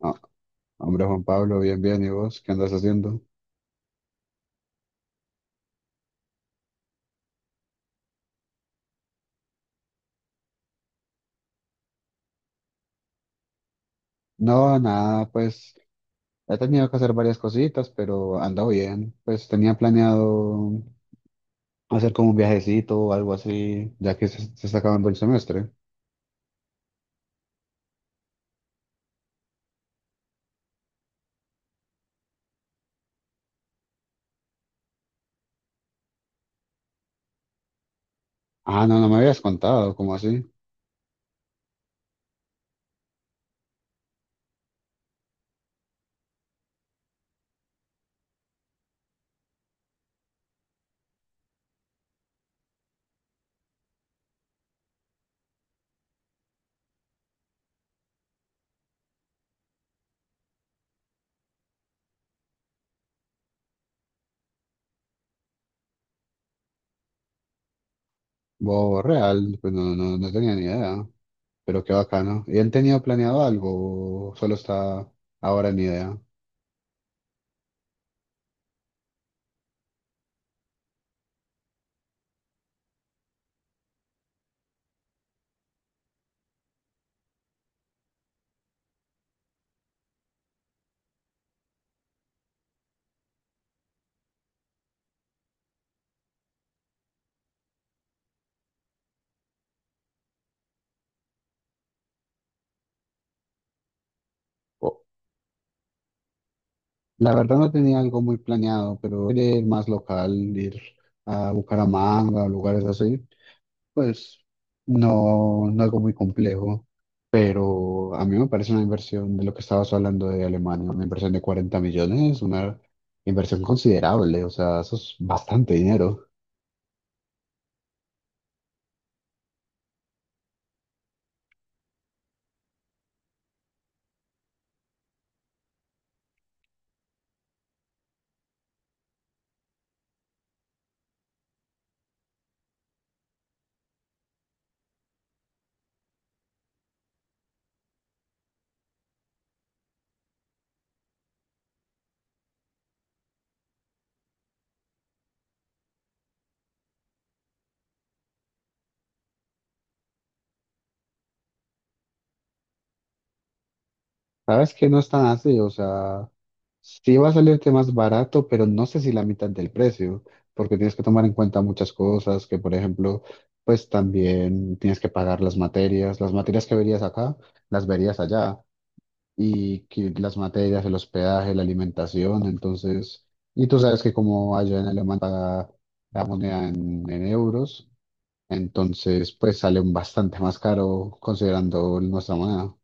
Ah, hombre, Juan Pablo, bien, bien. ¿Y vos qué andas haciendo? No, nada, pues he tenido que hacer varias cositas, pero ando bien. Pues tenía planeado hacer como un viajecito o algo así, ya que se está acabando el semestre. Ah, no, no me habías contado, ¿cómo así? Bo, real, pues no tenía ni idea, pero qué bacano. ¿Y han tenido planeado algo o solo está ahora en idea? O- La verdad no tenía algo muy planeado, pero quería ir más local, ir a Bucaramanga o lugares así. Pues no algo muy complejo, pero a mí me parece una inversión de lo que estabas hablando de Alemania, una inversión de 40 millones, una inversión considerable, o sea, eso es bastante dinero. Sabes que no es tan así, o sea, sí va a salirte más barato, pero no sé si la mitad del precio, porque tienes que tomar en cuenta muchas cosas, que por ejemplo, pues también tienes que pagar las materias que verías acá, las verías allá y que las materias, el hospedaje, la alimentación, entonces, y tú sabes que como allá en Alemania paga la moneda en euros, entonces pues sale un bastante más caro considerando nuestra moneda.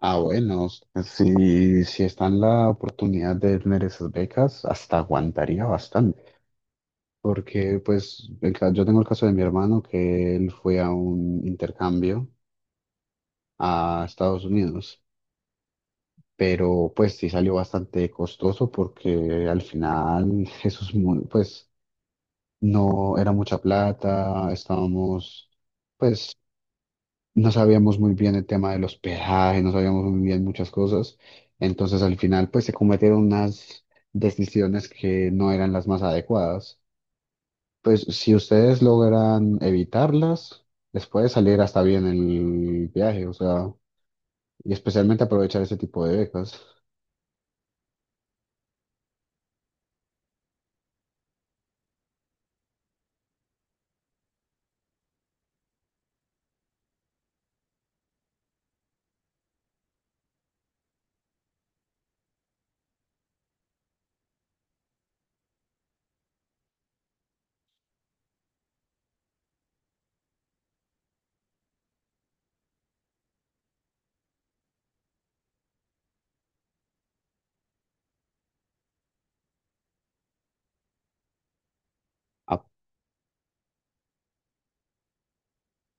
Ah, bueno, si está en la oportunidad de tener esas becas, hasta aguantaría bastante. Porque, pues, yo tengo el caso de mi hermano que él fue a un intercambio a Estados Unidos. Pero pues sí salió bastante costoso porque al final eso es muy, pues no era mucha plata, estábamos, pues no sabíamos muy bien el tema de los peajes, no sabíamos muy bien muchas cosas, entonces al final pues se cometieron unas decisiones que no eran las más adecuadas. Pues si ustedes logran evitarlas, les puede salir hasta bien el viaje, o sea, y especialmente aprovechar ese tipo de becas.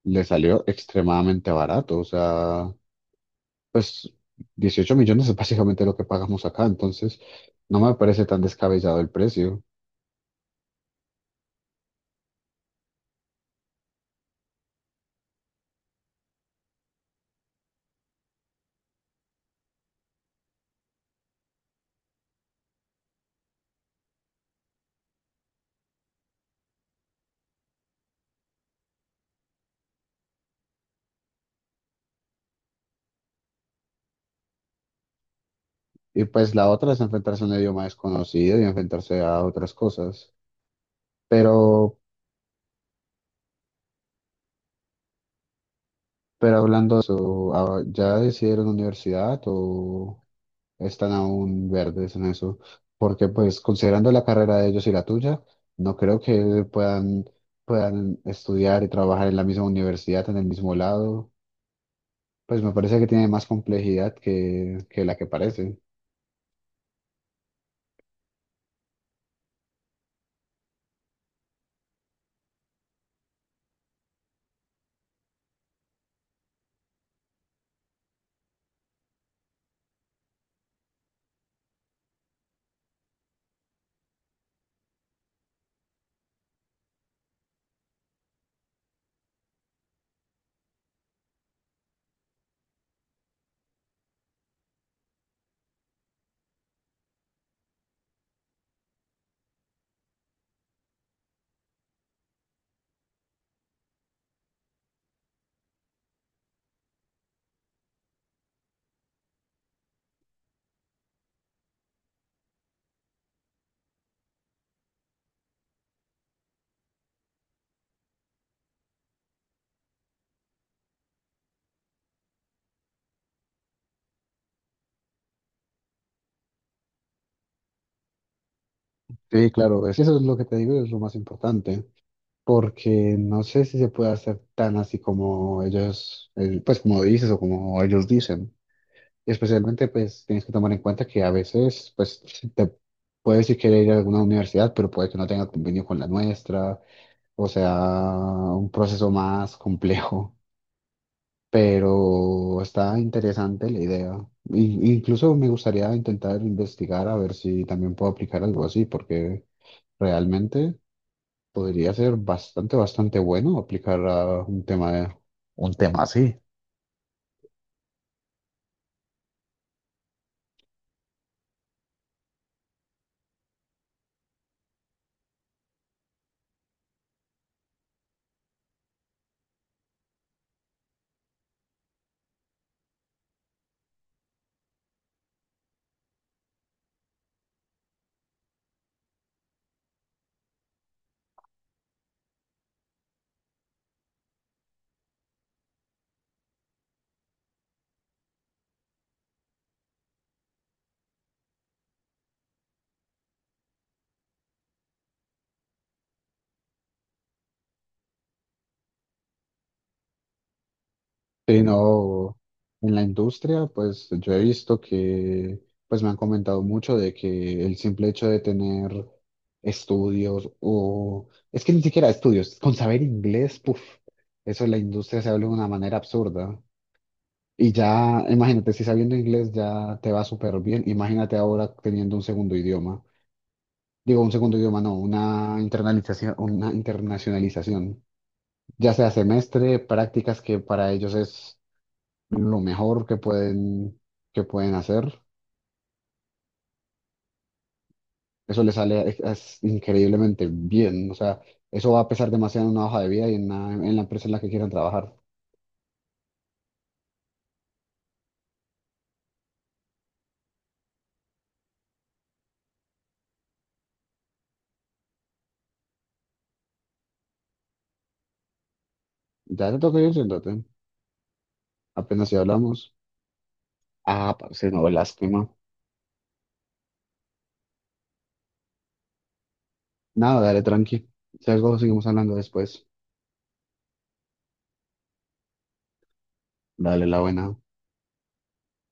Le salió extremadamente barato, o sea, pues 18 millones es básicamente lo que pagamos acá, entonces no me parece tan descabellado el precio. Y pues la otra es enfrentarse a un idioma desconocido y enfrentarse a otras cosas. Pero, pero hablando de eso, ah, ¿ya decidieron universidad o están aún verdes en eso? Porque pues considerando la carrera de ellos y la tuya, no creo que puedan estudiar y trabajar en la misma universidad, en el mismo lado. Pues me parece que tiene más complejidad que la que parece. Sí, claro, es, eso es lo que te digo, es lo más importante, porque no sé si se puede hacer tan así como ellos, pues como dices o como ellos dicen. Y especialmente, pues tienes que tomar en cuenta que a veces, pues si te puedes si querer ir a alguna universidad, pero puede que no tenga convenio con la nuestra, o sea, un proceso más complejo. Pero está interesante la idea. Incluso me gustaría intentar investigar a ver si también puedo aplicar algo así, porque realmente podría ser bastante bueno aplicar a un tema así. Sí, no, en la industria, pues yo he visto que, pues me han comentado mucho de que el simple hecho de tener estudios o, es que ni siquiera estudios, con saber inglés, puf, eso en la industria se habla de una manera absurda. Y ya, imagínate, si sabiendo inglés ya te va súper bien, imagínate ahora teniendo un segundo idioma. Digo, un segundo idioma, no, una internalización, una internacionalización. Ya sea semestre, prácticas que para ellos es lo mejor que que pueden hacer. Eso es increíblemente bien. O sea, eso va a pesar demasiado en una hoja de vida y en en la empresa en la que quieran trabajar. Ya te toca ir, siéntate. Apenas si hablamos. Ah, parce, no, lástima. Nada, dale tranqui. Si algo seguimos hablando después. Dale la buena.